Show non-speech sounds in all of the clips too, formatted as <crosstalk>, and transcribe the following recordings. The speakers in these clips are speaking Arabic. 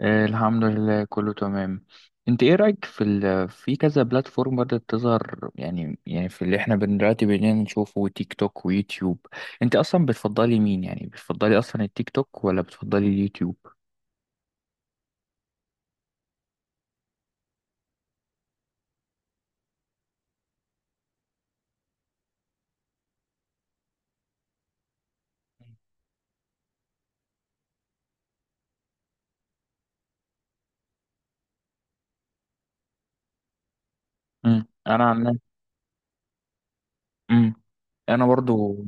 آه، الحمد لله كله تمام. انت ايه رأيك في كذا بلاتفورم بدأت تظهر يعني في اللي احنا دلوقتي بقينا نشوفه، تيك توك ويوتيوب؟ انت اصلا بتفضلي مين، يعني بتفضلي اصلا التيك توك ولا بتفضلي اليوتيوب؟ انا عن نفسي- امم انا برضو.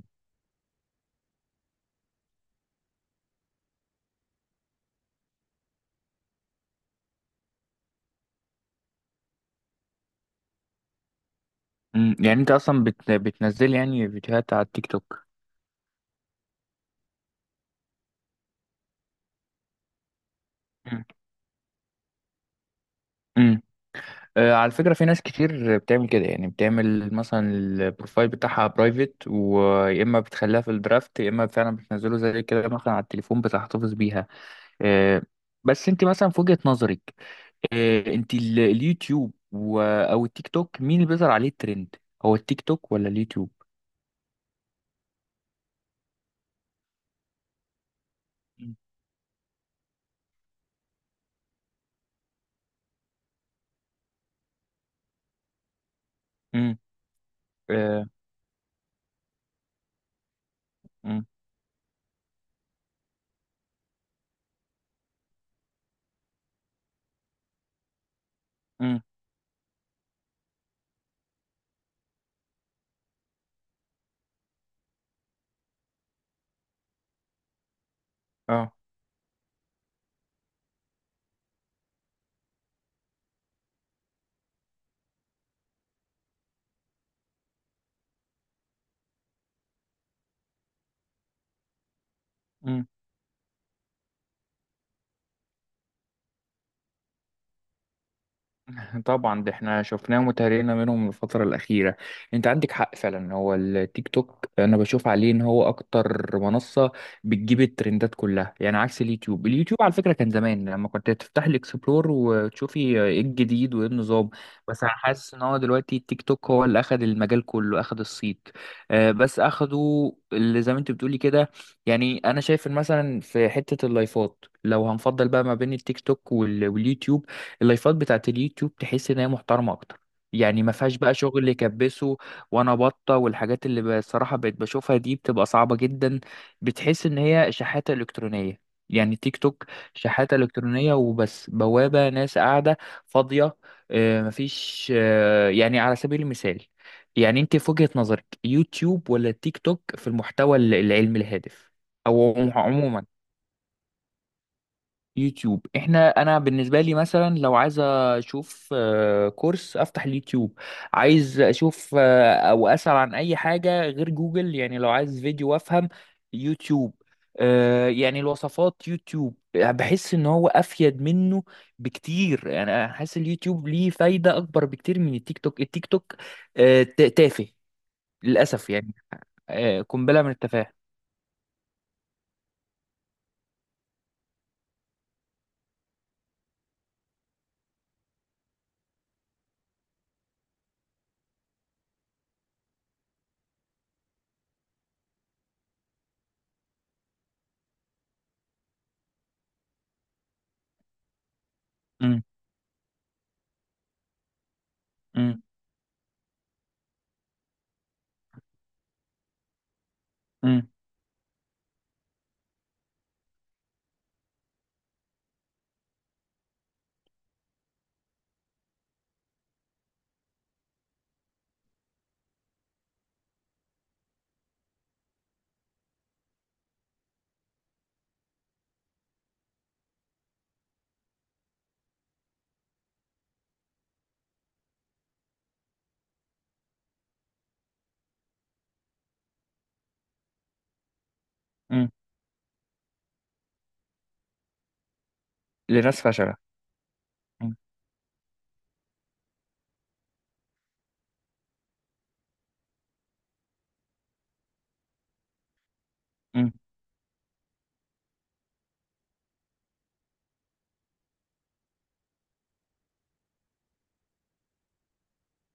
يعني انت اصلا بتنزلي يعني فيديوهات على التيك توك؟ امم. على فكرة، في ناس كتير بتعمل كده، يعني بتعمل مثلا البروفايل بتاعها برايفت، ويا إما بتخليها في الدرافت يا إما فعلا بتنزله زي كده مثلا على التليفون بتحتفظ بيها. آه، بس أنت مثلا، في وجهة نظرك، أنت اليوتيوب أو التيك توك، مين اللي بيظهر عليه الترند، هو التيك توك ولا اليوتيوب؟ مم. مم. آه. مم. مم. اه. <laughs> طبعا ده احنا شفناه وتهرينا منهم الفترة الأخيرة. انت عندك حق فعلا، هو التيك توك انا بشوف عليه ان هو اكتر منصة بتجيب الترندات كلها، يعني عكس اليوتيوب. اليوتيوب على فكرة كان زمان لما كنت تفتح الاكسبلور وتشوفي ايه الجديد وايه النظام. بس انا حاسس ان هو دلوقتي التيك توك هو اللي اخد المجال كله، اخد الصيت. بس اخده اللي زي ما انت بتقولي كده. يعني انا شايف إن مثلا في حتة اللايفات، لو هنفضل بقى ما بين التيك توك واليوتيوب، اللايفات بتاعت اليوتيوب تحس ان هي محترمه اكتر. يعني ما فيهاش بقى شغل اللي كبسه وانا بطه، والحاجات اللي بصراحه بقيت بشوفها دي بتبقى صعبه جدا، بتحس ان هي شحاته الكترونيه. يعني تيك توك شحاته الكترونيه وبس، بوابه ناس قاعده فاضيه. مفيش. يعني على سبيل المثال، يعني انت في وجهه نظرك، يوتيوب ولا تيك توك في المحتوى العلمي الهادف او عموما؟ يوتيوب. احنا انا بالنسبه لي مثلا لو عايز اشوف كورس، افتح اليوتيوب. عايز اشوف او اسال عن اي حاجه غير جوجل، يعني لو عايز فيديو افهم، يوتيوب. يعني الوصفات، يوتيوب. بحس ان هو افيد منه بكتير، يعني انا حاسس اليوتيوب ليه فايده اكبر بكتير من التيك توك. التيك توك تافه، للاسف يعني. قنبله من التفاهه. م- م- م- م. لناس فشله. م- م.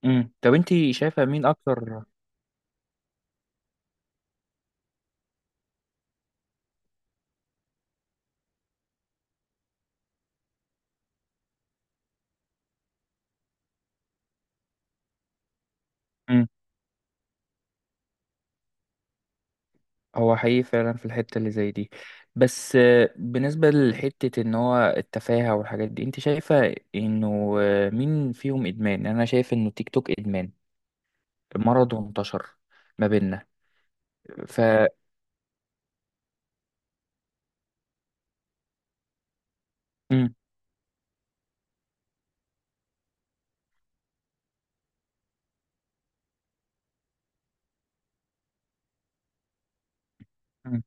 طب انت شايفة مين اكتر؟ امم. هو حقيقي فعلا، في الحتة اللي زي دي. بس بالنسبة لحتة ان هو التفاهة والحاجات دي، انت شايفة انه مين فيهم ادمان؟ يعني انا شايف انه تيك توك ادمان، مرض وانتشر ما بيننا ف امم. امم.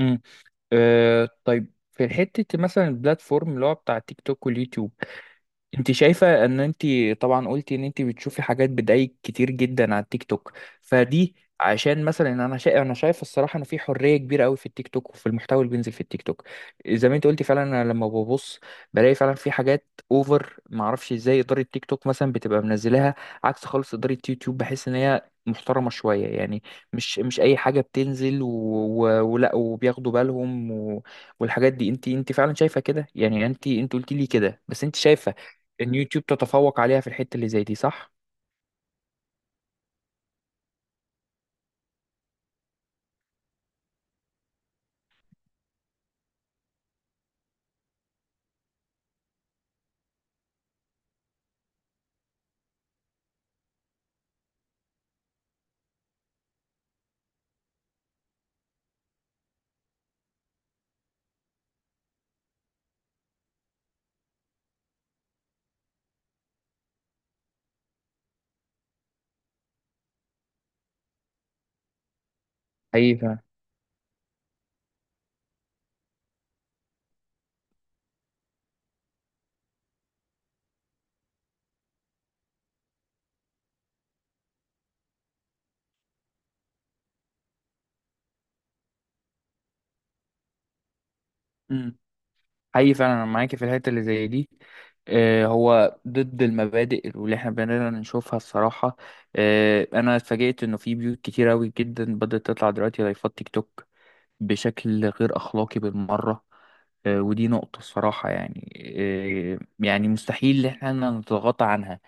امم. طيب في حتة مثلا البلاتفورم اللي هو بتاع تيك توك واليوتيوب، انت شايفة ان انت طبعا قلتي ان انت بتشوفي حاجات بدايق كتير جدا على التيك توك فدي. عشان مثلا انا شايف الصراحة ان في حرية كبيرة قوي في التيك توك وفي المحتوى اللي بينزل في التيك توك، زي ما انت قلتي فعلا. انا لما ببص بلاقي فعلا في حاجات اوفر، ما اعرفش ازاي ادارة تيك توك مثلا بتبقى منزلاها، عكس خالص ادارة يوتيوب، بحس ان هي محترمة شوية. يعني مش أي حاجة بتنزل ولا، وبياخدوا بالهم والحاجات دي. انت فعلا شايفة كده، يعني انت قلتي لي كده، بس انت شايفة ان يوتيوب تتفوق عليها في الحتة اللي زي دي، صح؟ حقيقي فعلا. امم. حقيقي فعلا، انا معاكي في الحتة اللي زي دي. هو ضد المبادئ واللي احنا بنقدر نشوفها الصراحة. انا اتفاجئت انه في بيوت كتير اوي جدا بدأت تطلع دلوقتي لايفات تيك توك بشكل غير اخلاقي بالمرة. ودي نقطة الصراحة يعني. آه، يعني مستحيل ان احنا نتغاضى عنها.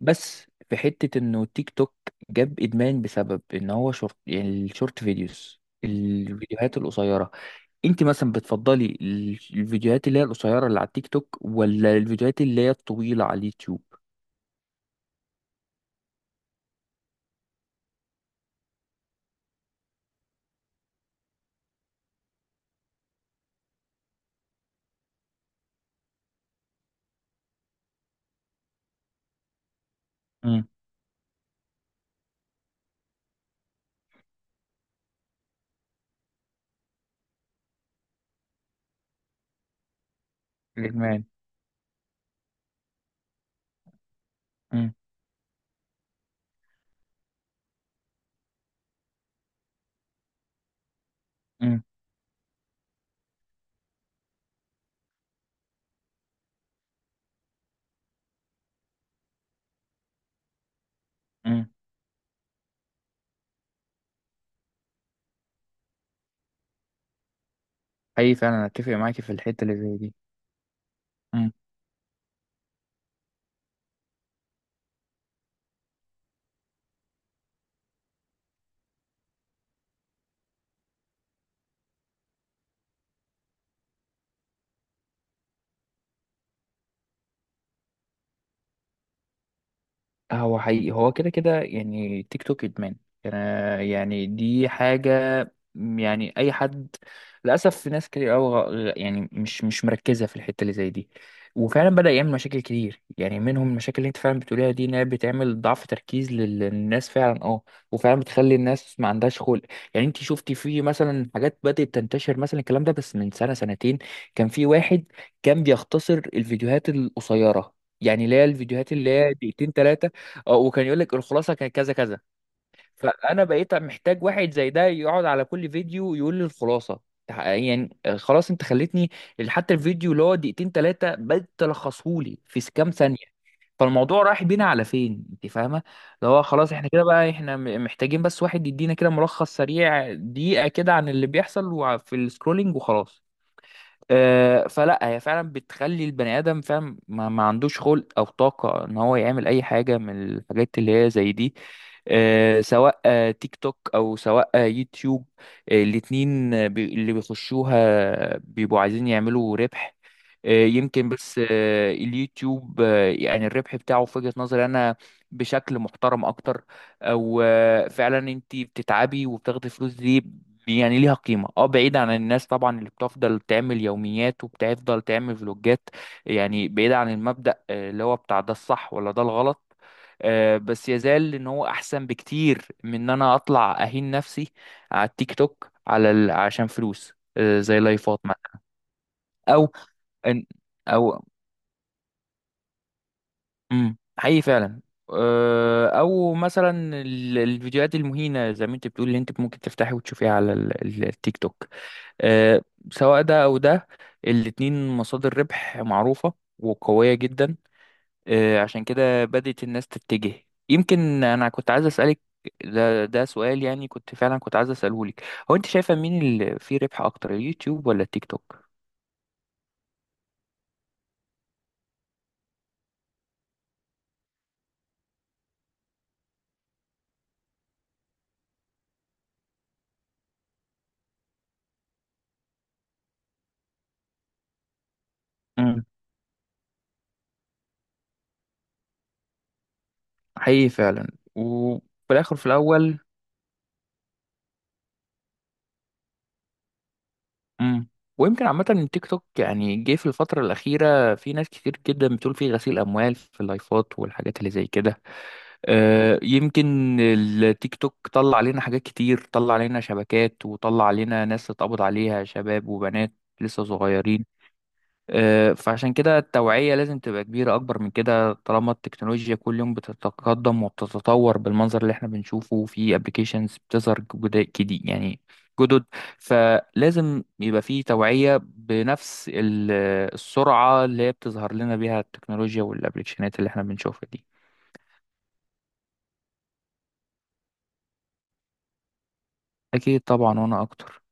بس في حتة انه تيك توك جاب ادمان بسبب ان هو شورت، يعني الشورت فيديوز، الفيديوهات القصيرة. انت مثلا بتفضلي الفيديوهات اللي هي القصيرة اللي على التيك توك ولا الفيديوهات اللي هي الطويلة على اليوتيوب؟ امم. الادمان. امم. امم. امم. حقيقي فعلا، أنا اتفق معاكي في الحته اللي زي دي. هو حقيقي، هو كده كده، يعني تيك توك ادمان. يعني دي حاجه يعني اي حد، للاسف في ناس كتير قوي، يعني مش مركزه في الحته اللي زي دي، وفعلا بدا يعمل مشاكل كتير. يعني منهم المشاكل اللي انت فعلا بتقوليها دي، انها بتعمل ضعف تركيز للناس فعلا، اه. وفعلا بتخلي الناس ما عندهاش خلق. يعني انت شفتي في مثلا حاجات بدات تنتشر مثلا الكلام ده بس من سنه سنتين، كان في واحد كان بيختصر الفيديوهات القصيره، يعني اللي هي الفيديوهات اللي هي دقيقتين تلاتة، اه، وكان يقول لك الخلاصه كانت كذا كذا. فانا بقيت محتاج واحد زي ده يقعد على كل فيديو يقول لي الخلاصه. يعني خلاص انت خلتني حتى الفيديو اللي هو دقيقتين ثلاثه بقيت تلخصهولي في كام ثانيه. فالموضوع رايح بينا على فين، انت فاهمه؟ اللي هو خلاص احنا كده بقى، احنا محتاجين بس واحد يدينا كده ملخص سريع، دقيقه كده عن اللي بيحصل في السكرولينج وخلاص. فلا، هي فعلا بتخلي البني ادم فاهم ما عندوش خلق او طاقه ان هو يعمل اي حاجه من الحاجات اللي هي زي دي. سواء تيك توك او سواء يوتيوب، الاتنين، اللي بيخشوها بيبقوا عايزين يعملوا ربح. يمكن بس اليوتيوب يعني الربح بتاعه، في وجهة نظري انا، بشكل محترم اكتر، او فعلا انت بتتعبي وبتاخدي فلوس دي، يعني ليها قيمة. اه، بعيد عن الناس طبعا اللي بتفضل تعمل يوميات وبتفضل تعمل فلوجات، يعني بعيد عن المبدأ اللي هو بتاع ده الصح ولا ده الغلط، بس يزال ان هو احسن بكتير من ان انا اطلع اهين نفسي على التيك توك على عشان فلوس، زي لايفات مثلا. او إن- او حقيقي فعلا. او مثلا الفيديوهات المهينه زي ما انت بتقول، اللي انت ممكن تفتحي وتشوفيها على التيك توك. آه، سواء ده او ده، الاتنين مصادر ربح معروفه وقويه جدا. عشان كده بدأت الناس تتجه. يمكن انا كنت عايز اسالك، ده سؤال يعني كنت فعلا كنت عايز اساله لك، هو انت شايفه مين اللي فيه ربح اكتر، اليوتيوب ولا التيك توك؟ امم، حقيقي فعلا. وفي الاخر في الاول. مم. ويمكن عامة تيك توك، يعني جه في الفترة الأخيرة في ناس كتير جدا بتقول فيه غسيل أموال في اللايفات والحاجات اللي زي كده. يمكن التيك توك طلع علينا حاجات كتير، طلع علينا شبكات وطلع علينا ناس اتقبض عليها، شباب وبنات لسه صغيرين. فعشان كده التوعية لازم تبقى كبيرة، أكبر من كده، طالما التكنولوجيا كل يوم بتتقدم وبتتطور، بالمنظر اللي احنا بنشوفه في ابلكيشنز بتظهر جديد يعني، جدد، فلازم يبقى في توعية بنفس السرعة اللي هي بتظهر لنا بيها التكنولوجيا والابلكيشنات اللي احنا بنشوفها دي. أكيد طبعا، وأنا أكتر.